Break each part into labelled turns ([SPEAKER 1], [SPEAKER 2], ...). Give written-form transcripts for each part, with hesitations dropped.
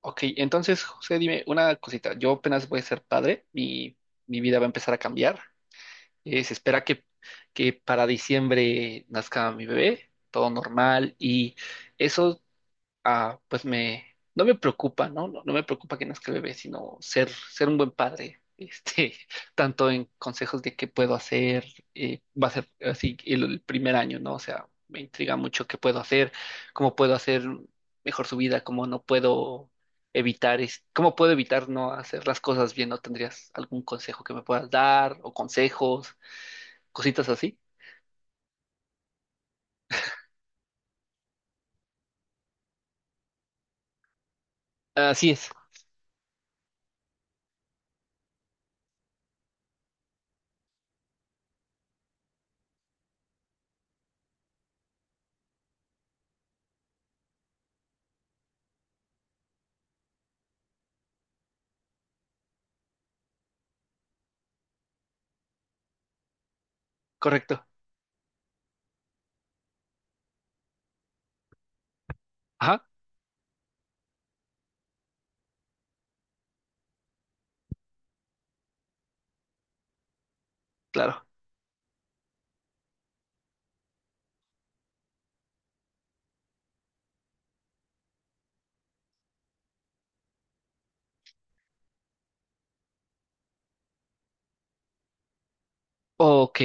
[SPEAKER 1] Ok, entonces, José, dime una cosita. Yo apenas voy a ser padre, mi vida va a empezar a cambiar. Se espera que para diciembre nazca mi bebé, todo normal. Y eso ah, pues me, no me preocupa, ¿no? No me preocupa que nazca el bebé, sino ser un buen padre, este, tanto en consejos de qué puedo hacer, va a ser así el primer año, ¿no? O sea, me intriga mucho qué puedo hacer, cómo puedo hacer mejor su vida, cómo no puedo evitar, cómo puedo evitar no hacer las cosas bien, ¿no? ¿Tendrías algún consejo que me puedas dar o consejos, cositas así? Así es, correcto. Ajá, claro. Ok.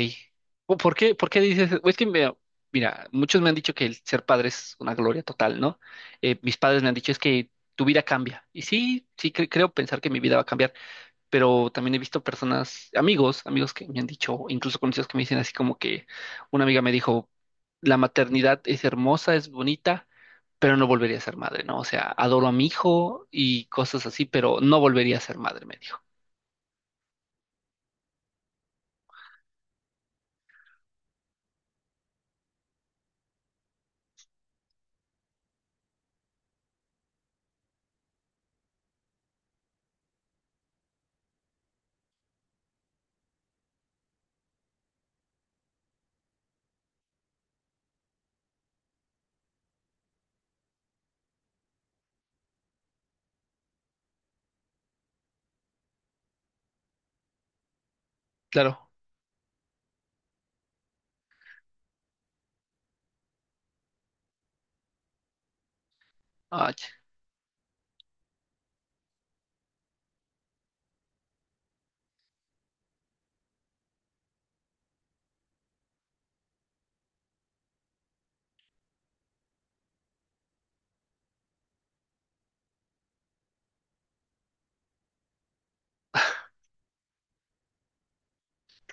[SPEAKER 1] ¿O ¿Por por qué dices? Es que, mira, mira, muchos me han dicho que el ser padre es una gloria total, ¿no? Mis padres me han dicho es que tu vida cambia. Y sí, creo pensar que mi vida va a cambiar, pero también he visto personas, amigos que me han dicho, incluso conocidos que me dicen así como que una amiga me dijo, la maternidad es hermosa, es bonita, pero no volvería a ser madre, ¿no? O sea, adoro a mi hijo y cosas así, pero no volvería a ser madre, me dijo. Claro. Ah, ch-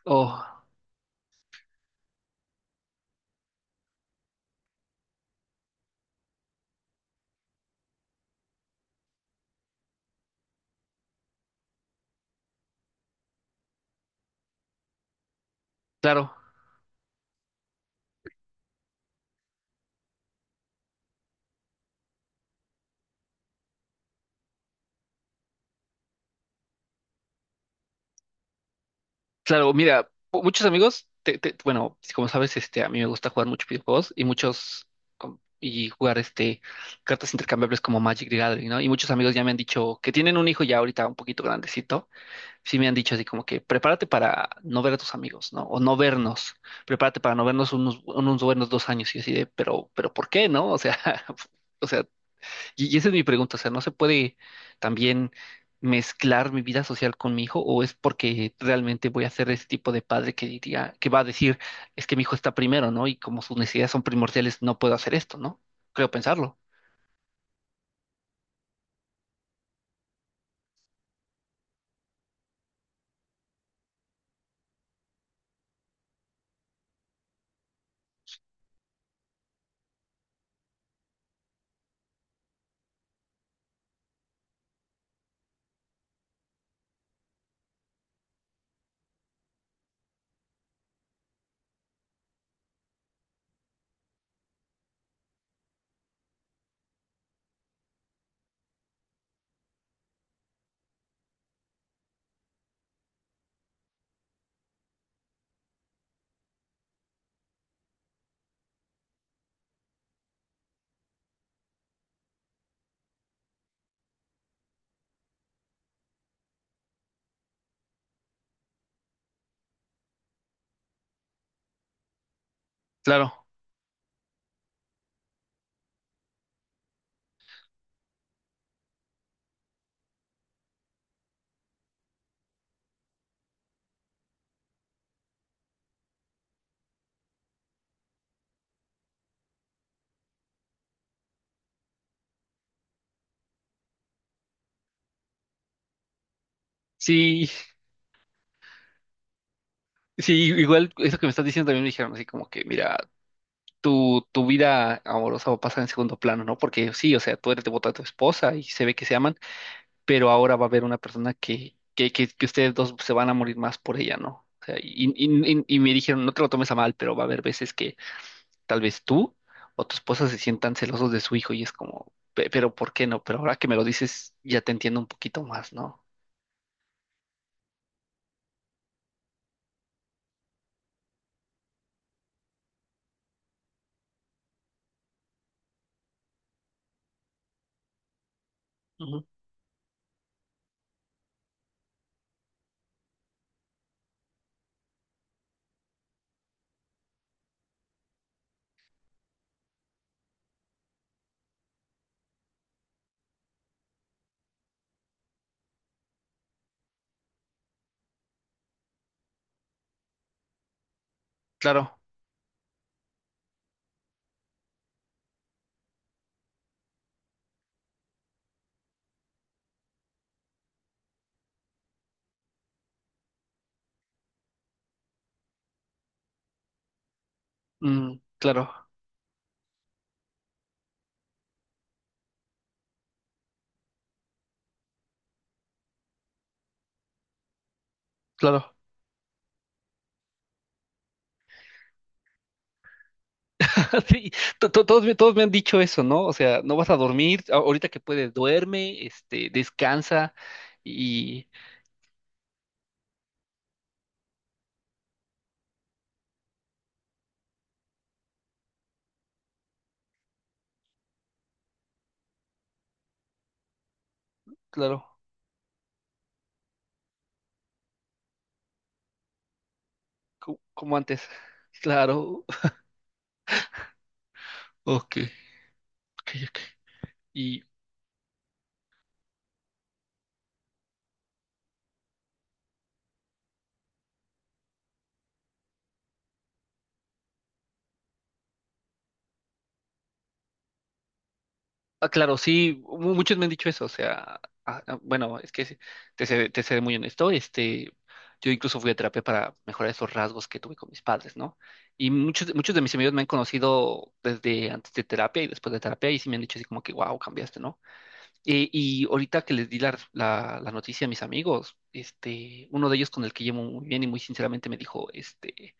[SPEAKER 1] oh, claro. Claro, mira, muchos amigos, bueno, como sabes, este, a mí me gusta jugar muchos videojuegos y muchos y jugar este cartas intercambiables como Magic the Gathering, ¿no? Y muchos amigos ya me han dicho que tienen un hijo ya ahorita un poquito grandecito, sí me han dicho así como que prepárate para no ver a tus amigos, ¿no? O no vernos, prepárate para no vernos unos buenos 2 años y así de, pero ¿por qué, no? O sea, o sea, y esa es mi pregunta, o sea, ¿no se puede también mezclar mi vida social con mi hijo o es porque realmente voy a ser ese tipo de padre que que va a decir, es que mi hijo está primero, ¿no? Y como sus necesidades son primordiales, no puedo hacer esto, ¿no? Creo pensarlo. Claro. Sí, sí, igual eso que me estás diciendo también me dijeron así como que, mira, tu vida amorosa va a pasar en segundo plano, ¿no? Porque sí, o sea, tú eres devota a tu esposa y se ve que se aman, pero ahora va a haber una persona que ustedes dos se van a morir más por ella, ¿no? O sea, y me dijeron, no te lo tomes a mal, pero va a haber veces que tal vez tú o tu esposa se sientan celosos de su hijo y es como, pero ¿por qué no? Pero ahora que me lo dices, ya te entiendo un poquito más, ¿no? Ujú. Claro, claro, claro. Sí, todos, todos me han dicho eso, ¿no? O sea, no vas a dormir, ahorita que puedes, duerme, este, descansa y, claro, como antes, claro. Ok, ok, ok. Y claro, sí, muchos me han dicho eso, o sea, bueno, es que te seré muy honesto, este, yo incluso fui a terapia para mejorar esos rasgos que tuve con mis padres, ¿no? Y muchos de mis amigos me han conocido desde antes de terapia y después de terapia y sí me han dicho así como que, wow, cambiaste, ¿no? Y ahorita que les di la noticia a mis amigos, este, uno de ellos con el que llevo muy bien y muy sinceramente me dijo, este...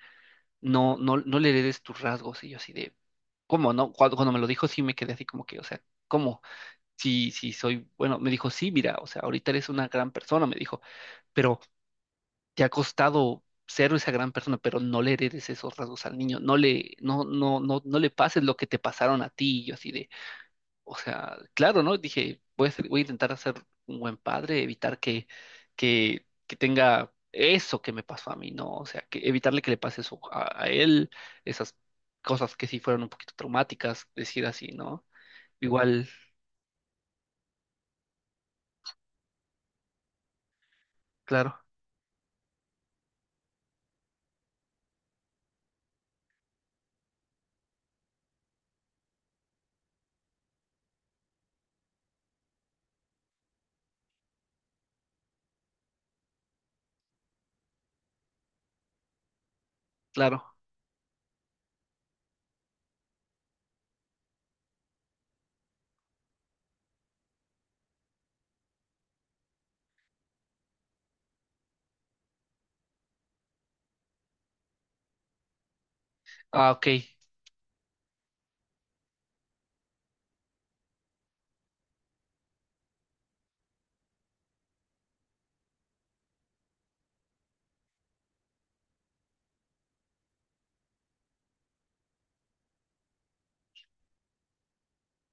[SPEAKER 1] no le heredes tus rasgos. Y yo así de, ¿cómo no? Cuando me lo dijo, sí me quedé así como que, o sea, ¿cómo? Sí, sí, soy, bueno, me dijo, sí, mira, o sea, ahorita eres una gran persona, me dijo, pero te ha costado ser esa gran persona, pero no le heredes esos rasgos al niño, no le, no, no, no, no le pases lo que te pasaron a ti. Y yo así de, o sea, claro, ¿no? Dije, voy a intentar hacer un buen padre, evitar que tenga eso que me pasó a mí, ¿no? O sea, que evitarle que le pase eso a él, esas cosas que sí fueron un poquito traumáticas, decir así, ¿no? Igual, claro, claro. Ah, ok,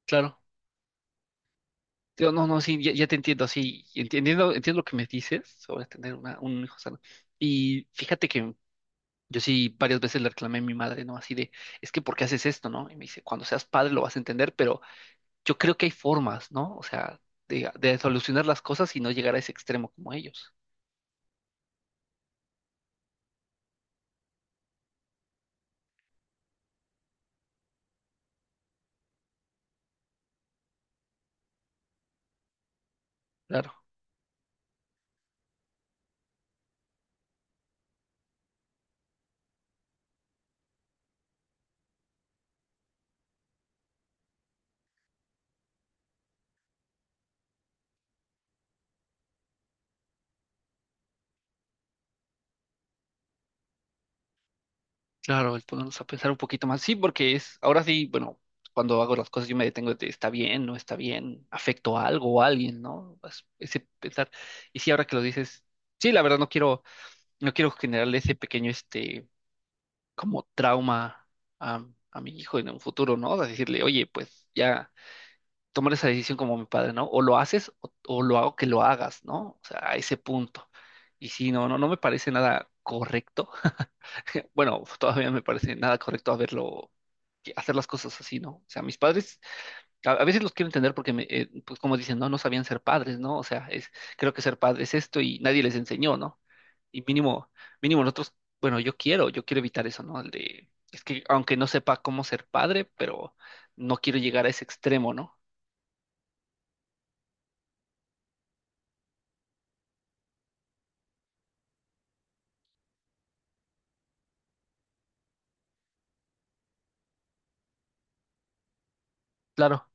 [SPEAKER 1] claro. Yo, no, no, sí, ya, ya te entiendo, sí, entiendo, entiendo lo que me dices sobre tener un hijo sano. Y fíjate que yo sí varias veces le reclamé a mi madre, ¿no? Así de, es que ¿por qué haces esto, no? Y me dice, cuando seas padre lo vas a entender, pero yo creo que hay formas, ¿no? O sea, de solucionar las cosas y no llegar a ese extremo como ellos. Claro, claro, el ponernos a pensar un poquito más. Sí, porque es, ahora sí, bueno, cuando hago las cosas yo me detengo de, está bien, no está bien, afecto a algo o a alguien, ¿no? Ese pensar. Y sí, ahora que lo dices, sí, la verdad no quiero, no quiero generarle ese pequeño, este, como trauma a, a mi hijo en un futuro, ¿no? O decirle, oye, pues ya tomar esa decisión como mi padre, ¿no? O lo haces o lo hago que lo hagas, ¿no? O sea, a ese punto. Y sí, no, no, no me parece nada correcto. Bueno, todavía me parece nada correcto que hacer las cosas así, ¿no? O sea, mis padres a veces los quiero entender porque, pues como dicen, no, no sabían ser padres, ¿no? O sea, es, creo que ser padre es esto y nadie les enseñó, ¿no? Y mínimo, mínimo nosotros, bueno, yo quiero evitar eso, ¿no? El de, es que aunque no sepa cómo ser padre, pero no quiero llegar a ese extremo, ¿no? Claro,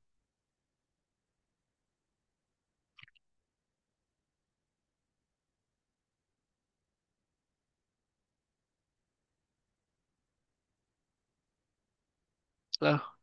[SPEAKER 1] claro,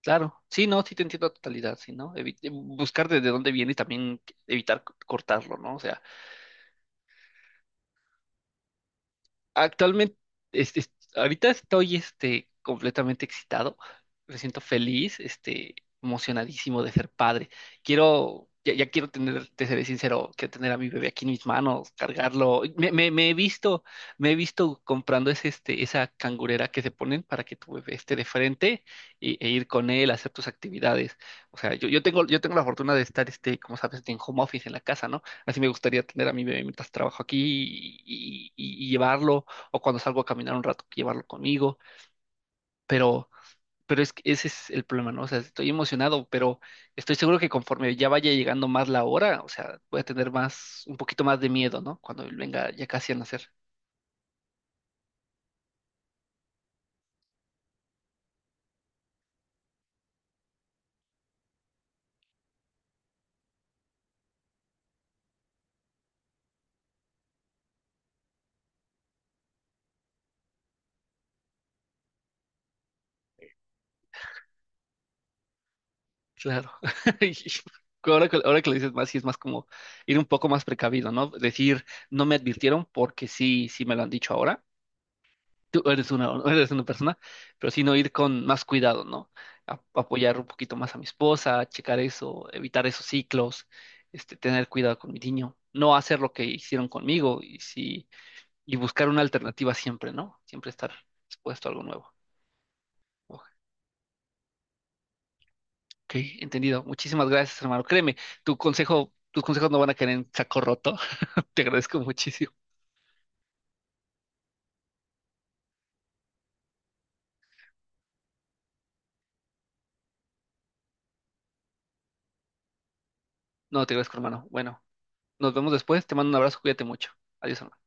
[SPEAKER 1] claro. Sí, no, sí te entiendo a totalidad, sí, ¿no? Buscar desde dónde viene y también evitar cortarlo, ¿no? O sea, actualmente, este, ahorita estoy este, completamente excitado, me siento feliz, este, emocionadísimo de ser padre. Quiero, ya, ya quiero tener, te seré sincero, quiero tener a mi bebé aquí en mis manos, cargarlo. Me he visto, me he visto comprando ese, este, esa cangurera que se ponen para que tu bebé esté de frente e ir con él a hacer tus actividades. O sea, yo tengo la fortuna de estar, este, como sabes, en home office en la casa, ¿no? Así me gustaría tener a mi bebé mientras trabajo aquí y llevarlo o cuando salgo a caminar un rato, llevarlo conmigo, pero, pero es que ese es el problema, ¿no? O sea, estoy emocionado, pero estoy seguro que conforme ya vaya llegando más la hora, o sea, voy a tener más, un poquito más de miedo, ¿no? Cuando él venga ya casi a nacer. Claro. Y ahora ahora que lo dices más, sí es más como ir un poco más precavido, ¿no? Decir, no me advirtieron porque sí, sí me lo han dicho ahora tú eres una, eres una persona, pero sino ir con más cuidado, ¿no? Apoyar un poquito más a mi esposa, checar eso, evitar esos ciclos, este, tener cuidado con mi niño, no hacer lo que hicieron conmigo y, si, y buscar una alternativa siempre, ¿no? Siempre estar expuesto a algo nuevo. Ok, entendido. Muchísimas gracias, hermano. Créeme, tus consejos no van a caer en saco roto. Te agradezco muchísimo. No, te agradezco, hermano. Bueno, nos vemos después. Te mando un abrazo. Cuídate mucho. Adiós, hermano.